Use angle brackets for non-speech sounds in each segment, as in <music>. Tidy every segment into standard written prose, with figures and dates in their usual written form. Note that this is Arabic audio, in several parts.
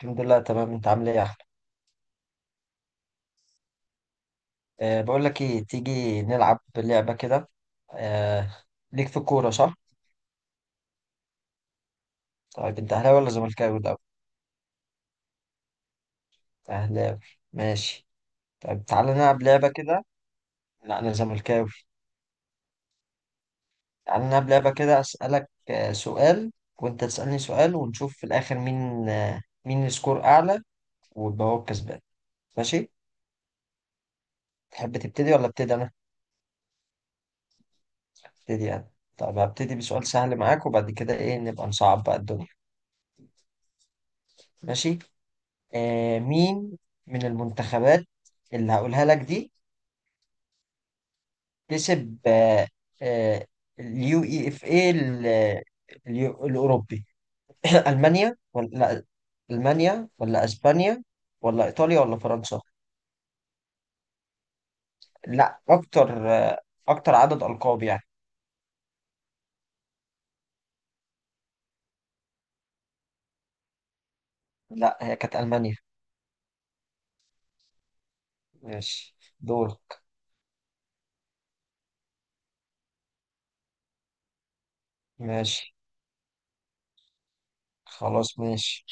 الحمد لله، تمام. انت عامل ايه يا احمد؟ بقول لك ايه، تيجي نلعب لعبه كده؟ أه. ليك في الكوره صح؟ طيب انت اهلاوي ولا زملكاوي الاول؟ اهلاوي. ماشي. طيب تعالى نلعب لعبه كده. لا انا زملكاوي. تعالى نلعب لعبه كده، اسالك سؤال وانت تسالني سؤال، ونشوف في الاخر مين مين السكور اعلى، ويبقى هو الكسبان. ماشي. تحب تبتدي ولا ابتدي انا؟ ابتدي انا. طب هبتدي بسؤال سهل معاك، وبعد كده ايه نبقى نصعب بقى الدنيا. ماشي. مين من المنتخبات اللي هقولها لك دي كسب آه، اليو اي اف اي ال- الاوروبي؟ <clears throat> المانيا ولا لا، المانيا ولا اسبانيا، ولا ايطاليا ولا فرنسا؟ لا اكتر، اكتر عدد القاب يعني. لا، هي كانت المانيا. ماشي، دورك. ماشي. خلاص ماشي.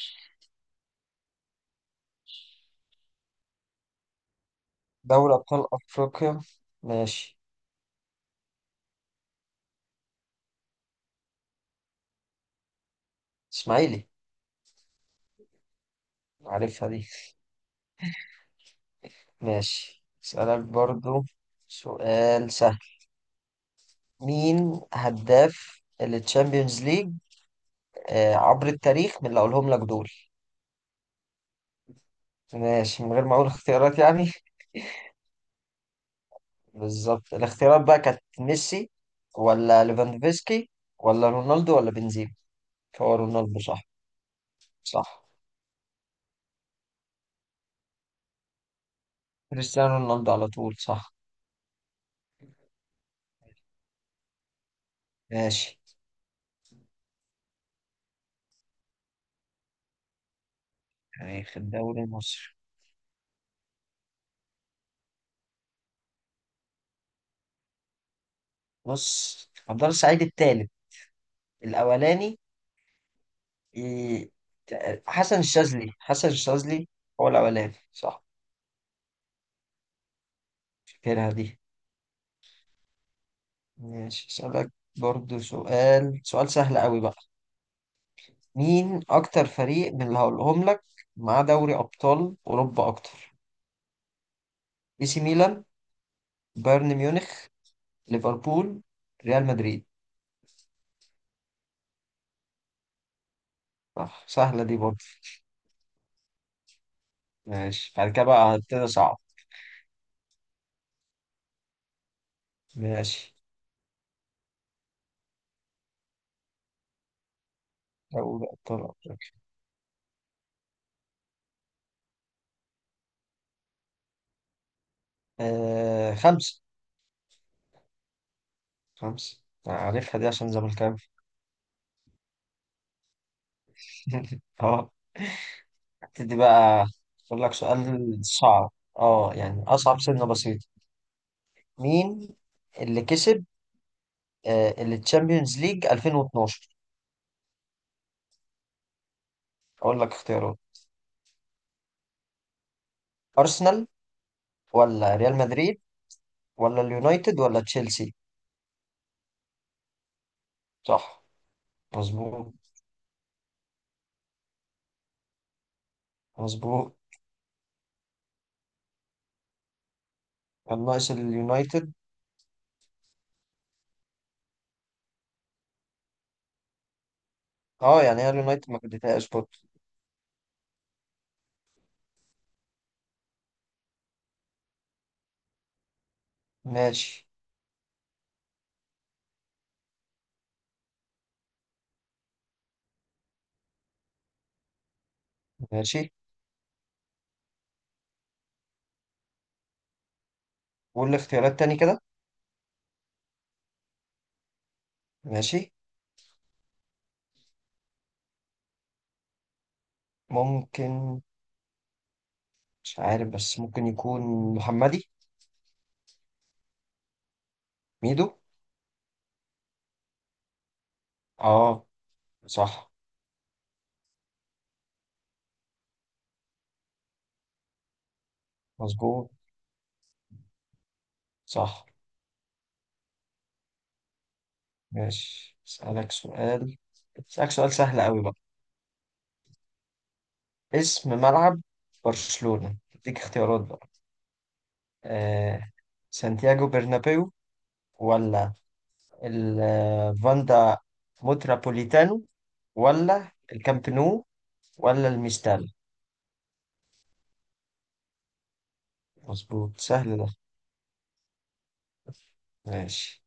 دوري ابطال افريقيا؟ ماشي. اسماعيلي. عارفها دي. ماشي، اسألك برضو سؤال سهل. مين هداف التشامبيونز ليج عبر التاريخ من اللي اقولهم لك دول؟ ماشي، من غير ما اقول اختيارات يعني. بالظبط. الاختيارات بقى كانت ميسي ولا ليفاندوفسكي، ولا رونالدو ولا بنزيما؟ هو رونالدو صح. صح، كريستيانو رونالدو على طول. صح. ماشي. يعني في الدوري المصري؟ بص، الدار السعيد التالت، الأولاني إيه، حسن الشاذلي. حسن الشاذلي هو الأولاني صح؟ فاكرها دي. ماشي أسألك برضو سؤال سهل قوي بقى. مين أكتر فريق من اللي هقولهم لك مع دوري أبطال أوروبا أكتر؟ إي سي ميلان، بايرن ميونخ، ليفربول، ريال مدريد. صح، سهلة دي برضو. ماشي، بعد كده بقى هبتدي صعب. ماشي. دوري أبطال أفريقيا؟ آه، خمسة. خمسة. أنا عارفها دي عشان زملكاوي. <laughs> اه. دي بقى أقول لك سؤال صعب، اه يعني أصعب سنة بسيطة. مين اللي كسب اللي تشامبيونز ليج 2012؟ أقول لك اختيارات: أرسنال ولا ريال مدريد، ولا اليونايتد ولا تشيلسي؟ صح. مظبوط. مظبوط، كان ناقص اليونايتد. اه يعني هي اليونايتد ما كدتهاش برضه. ماشي. ماشي، قول لي اختيارات تاني كده. ماشي. ممكن، مش عارف، بس ممكن يكون محمدي. ميدو. اه. صح. مظبوط. صح. ماشي، اسألك سؤال، اسألك سؤال سهل قوي بقى. اسم ملعب برشلونة، اديك اختيارات بقى. آه سانتياغو برنابيو، ولا الفاندا مترابوليتانو، ولا الكامب نو، ولا الميستال؟ مظبوط، سهل ده. ماشي.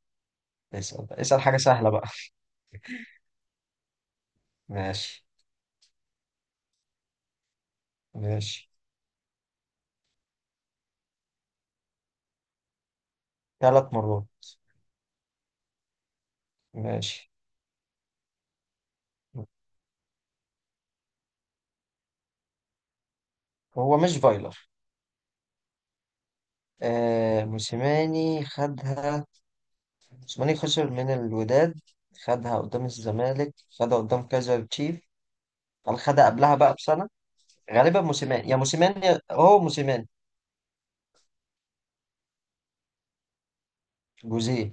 اسأل بقى، اسأل حاجة سهلة بقى. ماشي. ماشي، ثلاث مرات. ماشي. هو مش فايلر. آه موسيماني خدها. موسيماني خسر من الوداد، خدها قدام الزمالك، خدها قدام كايزر تشيف. قال خدها قبلها بقى بسنة. غالبا موسيماني، هو موسيماني. جوزيه.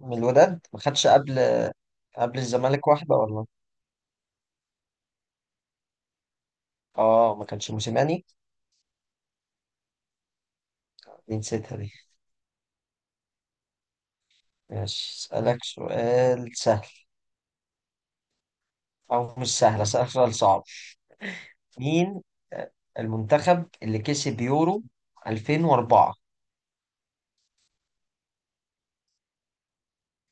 من الوداد، ما خدش قبل؟ قبل الزمالك واحدة ولا؟ اه، ما كانش موسيماني. دي نسيتها دي. ماشي، اسألك سؤال سهل، او مش سهل، اسألك سؤال صعب. مين آه، المنتخب اللي كسب يورو 2004؟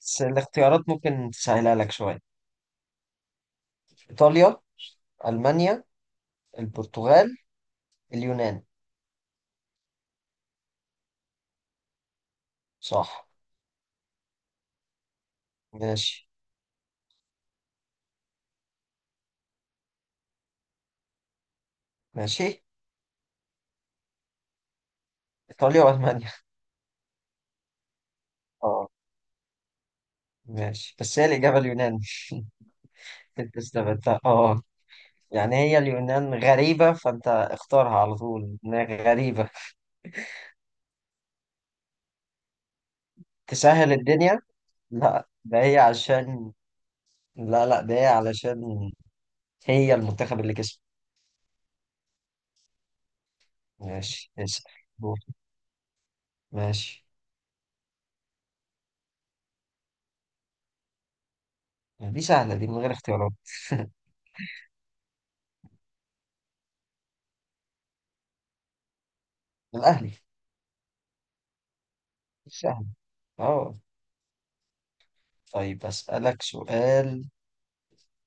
بس الاختيارات ممكن تسهلها لك شوية. ايطاليا، المانيا، البرتغال، اليونان. صح. ماشي. ماشي، إيطاليا وألمانيا. اه. ماشي، بس هي الإجابة اليونان. <laughs> أنت استبعدتها اه. يعني هي اليونان غريبة فأنت اختارها على طول إنها غريبة. تسهل الدنيا. لا، ده هي عشان، لا لا، ده هي علشان هي المنتخب اللي كسب. ماشي، اسأل. دور. ماشي. دي سهلة دي من غير اختيارات. الأهلي. سهل. اه. طيب أسألك سؤال،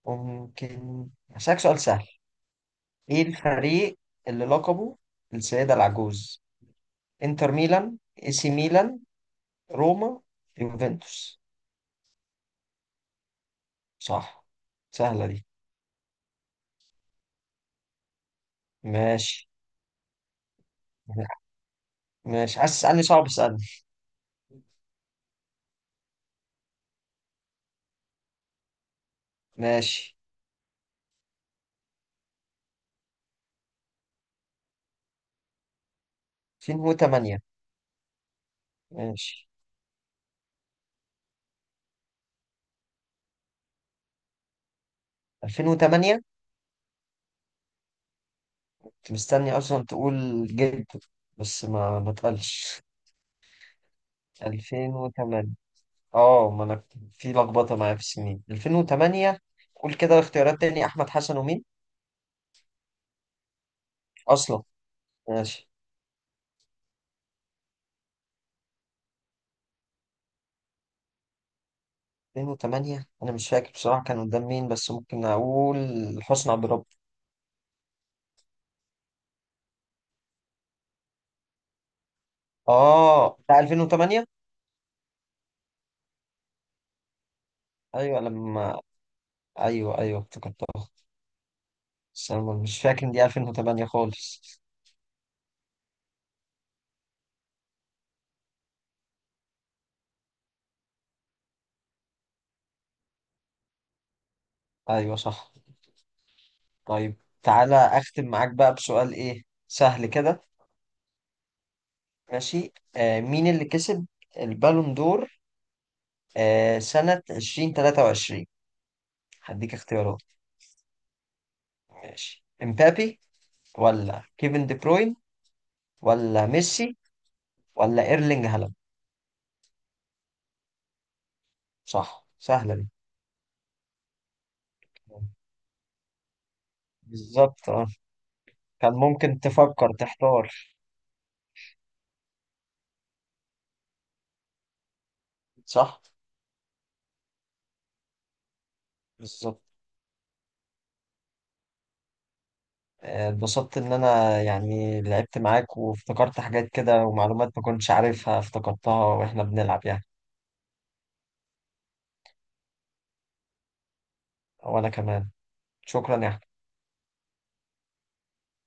ممكن أسألك سؤال سهل. ايه الفريق اللي لقبه السيدة العجوز؟ انتر ميلان، اي سي ميلان، روما، يوفنتوس؟ صح. سهلة دي. ماشي. ماشي، عايز تسألني صعب اسألني. ماشي. 2008؟ ماشي. 2008، كنت مستني اصلا تقول جد، بس ما تقلش. 2008. اه، ما انا في لخبطة معايا في السنين. 2008؟ قول كده الاختيارات تاني، احمد حسن ومين؟ اصلا. ماشي. 2008، انا مش فاكر بصراحه كان قدام مين، بس ممكن اقول حسني عبد الرب. اه بتاع 2008؟ ايوه لما، ايوه ايوه افتكرتها. بس انا مش فاكر ان دي 2008 خالص. ايوه صح. طيب، تعالى اختم معاك بقى بسؤال ايه سهل كده. ماشي. آه مين اللي كسب البالون دور آه سنه 2023؟ هديك اختيارات. ماشي. امبابي، ولا كيفن دي بروين، ولا ميسي، ولا ايرلينج هالاند؟ صح، سهله دي. بالظبط اه. كان ممكن تفكر تحتار. صح. بالظبط. اتبسطت ان انا يعني لعبت معاك وافتكرت حاجات كده ومعلومات ما كنتش عارفها افتكرتها واحنا بنلعب يعني. وانا كمان. شكرا يا